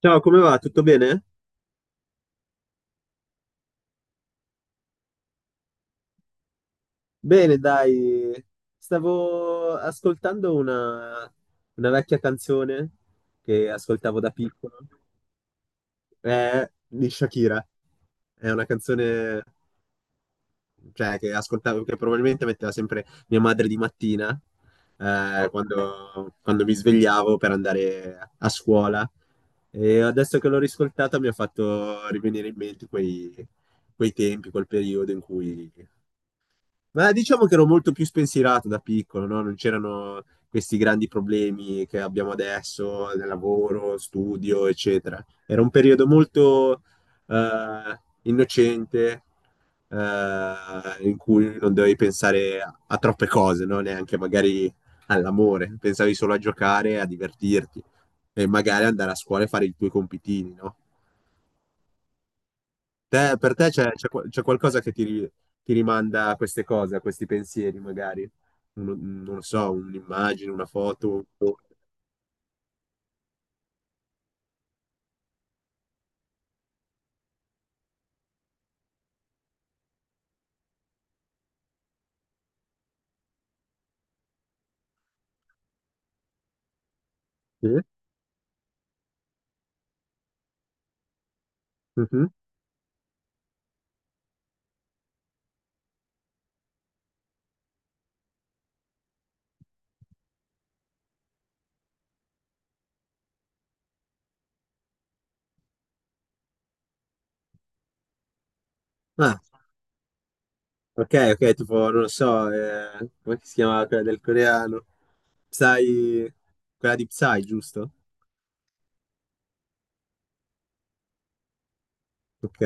Ciao, come va? Tutto bene? Bene, dai, stavo ascoltando una vecchia canzone che ascoltavo da piccolo, è di Shakira. È una canzone, cioè, che ascoltavo, che probabilmente metteva sempre mia madre di mattina, quando mi svegliavo per andare a scuola. E adesso che l'ho riscoltata mi ha fatto rivenire in mente quei tempi, quel periodo in cui... Ma diciamo che ero molto più spensierato da piccolo, no? Non c'erano questi grandi problemi che abbiamo adesso, del lavoro, studio, eccetera. Era un periodo molto innocente, eh, in cui non dovevi pensare a troppe cose, no? Neanche magari all'amore, pensavi solo a giocare, a divertirti e magari andare a scuola e fare i tuoi compitini, no? Per te c'è c'è qualcosa che ti rimanda a queste cose, a questi pensieri, magari? Non lo so, un'immagine, una foto, boh. Sì? Mhm. Ah, ok, ok, tipo, non lo so, come si chiama quella del coreano? Psy, quella di Psy, giusto? Ok.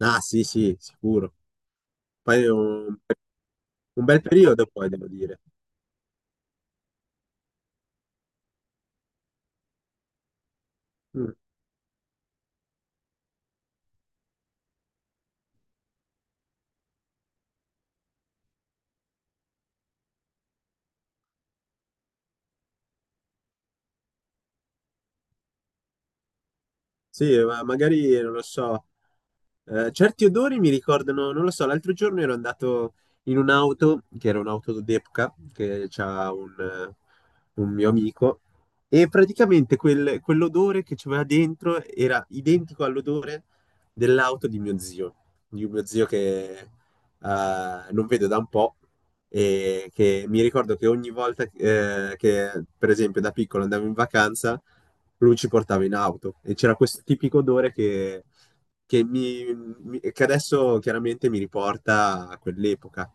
Ah, sì, sì, sicuro. Poi è un, un bel periodo, poi, devo dire. Mm. Sì, ma magari non lo so. Certi odori mi ricordano, non lo so, l'altro giorno ero andato in un'auto, che era un'auto d'epoca, che c'ha un mio amico, e praticamente quell'odore che c'era dentro era identico all'odore dell'auto di mio zio, di un mio zio che non vedo da un po', e che mi ricordo che ogni volta che, per esempio, da piccolo andavo in vacanza, lui ci portava in auto e c'era questo tipico odore che che adesso chiaramente mi riporta a quell'epoca.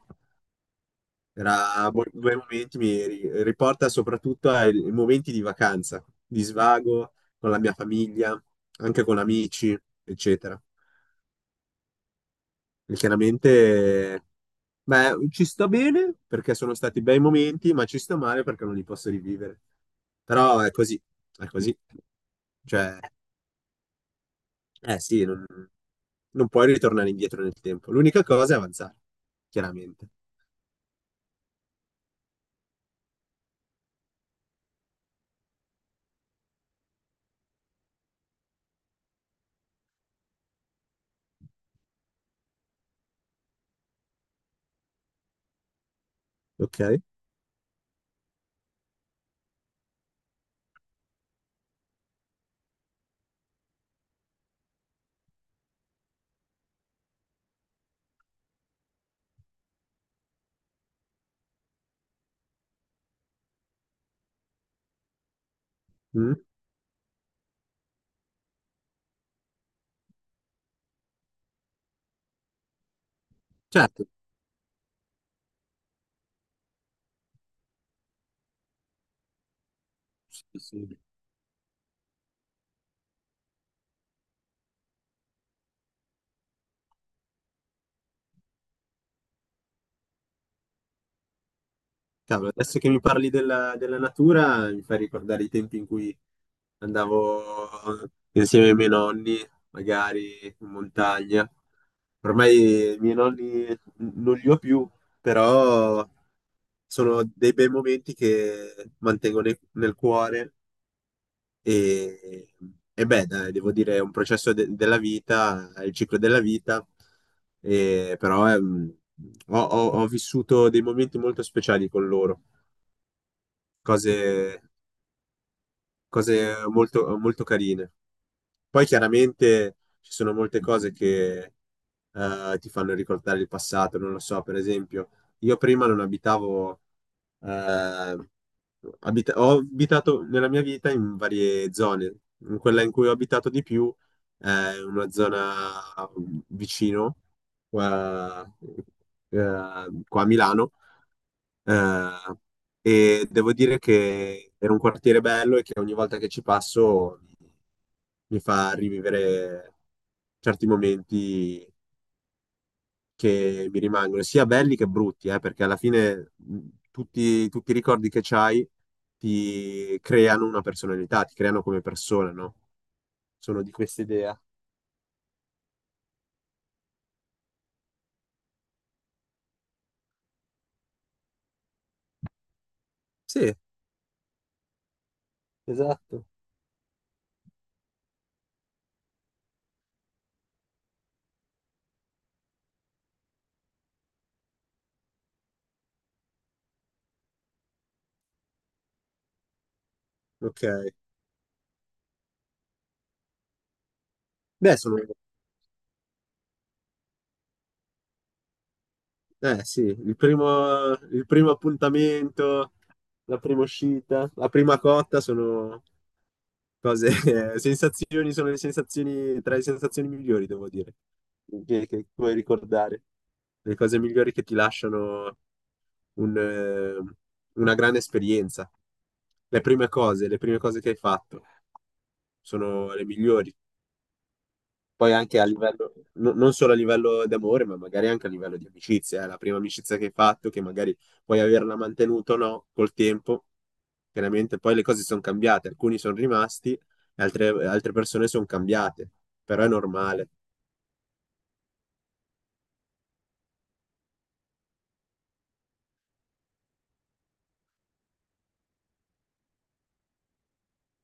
Era bei momenti, mi riporta soprattutto ai ai momenti di vacanza, di svago con la mia famiglia, anche con amici, eccetera. E chiaramente, beh, ci sto bene perché sono stati bei momenti, ma ci sto male perché non li posso rivivere. Però è così, è così. Cioè, eh sì, non puoi ritornare indietro nel tempo. L'unica cosa è avanzare, chiaramente. Ok? Mm? Certo. Sì, sì. Cavolo, adesso che mi parli della natura, mi fai ricordare i tempi in cui andavo insieme ai miei nonni, magari in montagna. Ormai i miei non li ho più, però sono dei bei momenti che mantengo nel cuore e, e beh, dai, devo dire, è un della vita, è il ciclo della vita, e, però ho vissuto dei momenti molto speciali con loro, cose, cose molto, molto carine. Poi chiaramente ci sono molte cose che ti fanno ricordare il passato, non lo so, per esempio, io prima non abitavo, eh, ho abitato nella mia vita in varie zone, in quella in cui ho abitato di più è una zona vicino, qua, qua a Milano, eh, e devo dire che era un quartiere bello e che ogni volta che ci passo mi mi fa rivivere certi momenti che mi rimangono, sia belli che brutti, perché alla fine tutti i ricordi che c'hai ti creano una personalità, ti creano come persona, no? Sono di questa idea. Sì, esatto. Ok. Beh, sono... Eh sì, il primo appuntamento, la prima uscita, la prima cotta sono cose, sensazioni, sono le sensazioni, tra le sensazioni migliori, devo dire, che puoi ricordare, le cose migliori che ti lasciano un, eh, una grande esperienza. Le prime cose che hai fatto sono le migliori. Poi anche a livello, non solo a livello d'amore, ma magari anche a livello di amicizia, eh. La prima amicizia che hai fatto, che magari puoi averla mantenuta o no col tempo, chiaramente poi le cose sono cambiate. Alcuni sono rimasti, e altre persone sono cambiate, però è normale.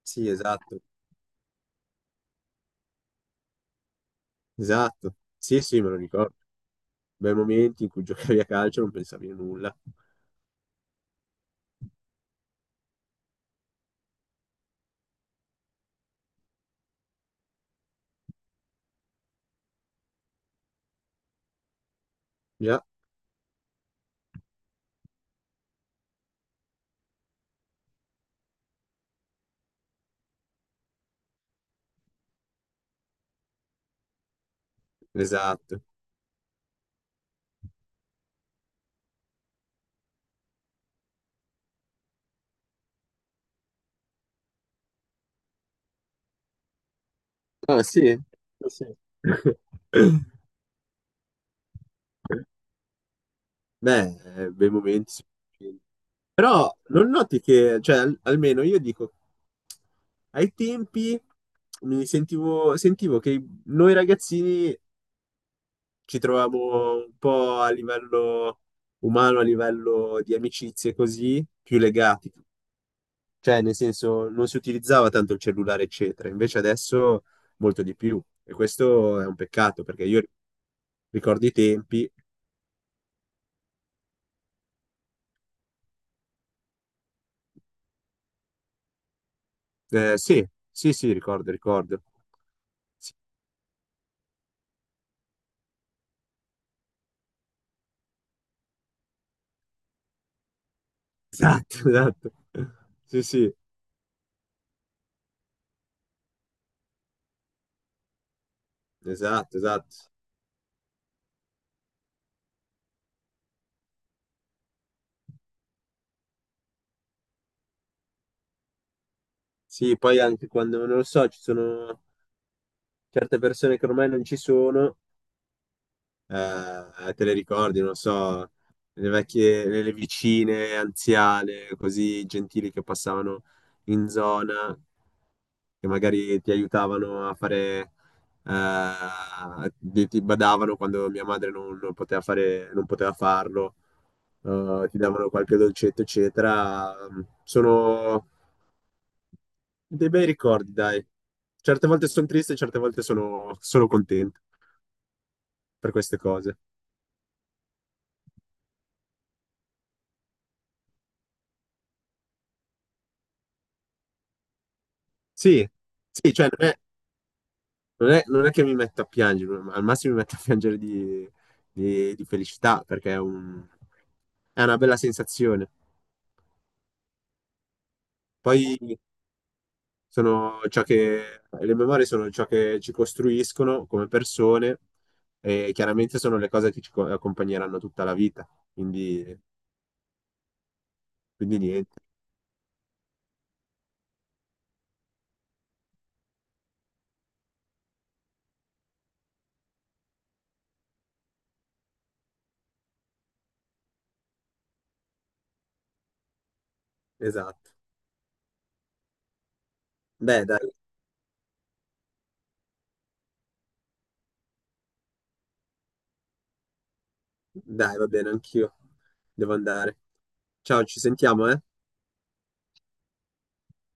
Sì, esatto, esatto. Sì, sì, me lo ricordo. Bei momenti in cui giocavi a calcio e non pensavi a nulla. Già, esatto. Ah, sì? Sì. Beh, bei momenti. Sì. Però non noti che, cioè, almeno io dico, ai tempi sentivo che noi ragazzini ci trovavamo un po' a livello umano, a livello di amicizie così, più legati. Cioè, nel senso, non si utilizzava tanto il cellulare, eccetera. Invece adesso molto di più. E questo è un peccato, perché io ricordo i tempi. Sì, sì, sì, ricordo, ricordo. Sì. Esatto, esatto. Sì, sì, esatto, esatto. Sì, poi anche quando non lo so, ci sono certe persone che ormai non ci sono, te le ricordi, non so, le vicine anziane, così gentili che passavano in zona, che magari ti aiutavano a fare, ti ti badavano quando mia madre non, non poteva fare, non poteva farlo, ti davano qualche dolcetto, eccetera. Sono dei bei ricordi, dai. Certe volte sono triste, certe volte sono contento per queste cose. Sì, sì, cioè, non è che mi metto a piangere, ma al massimo mi metto a piangere di felicità perché è una bella sensazione. Poi sono ciò le memorie sono ciò che ci costruiscono come persone e chiaramente sono le cose che ci accompagneranno tutta la vita. Quindi, quindi niente, esatto. Beh, dai, dai, va bene, anch'io devo andare. Ciao, ci sentiamo, eh?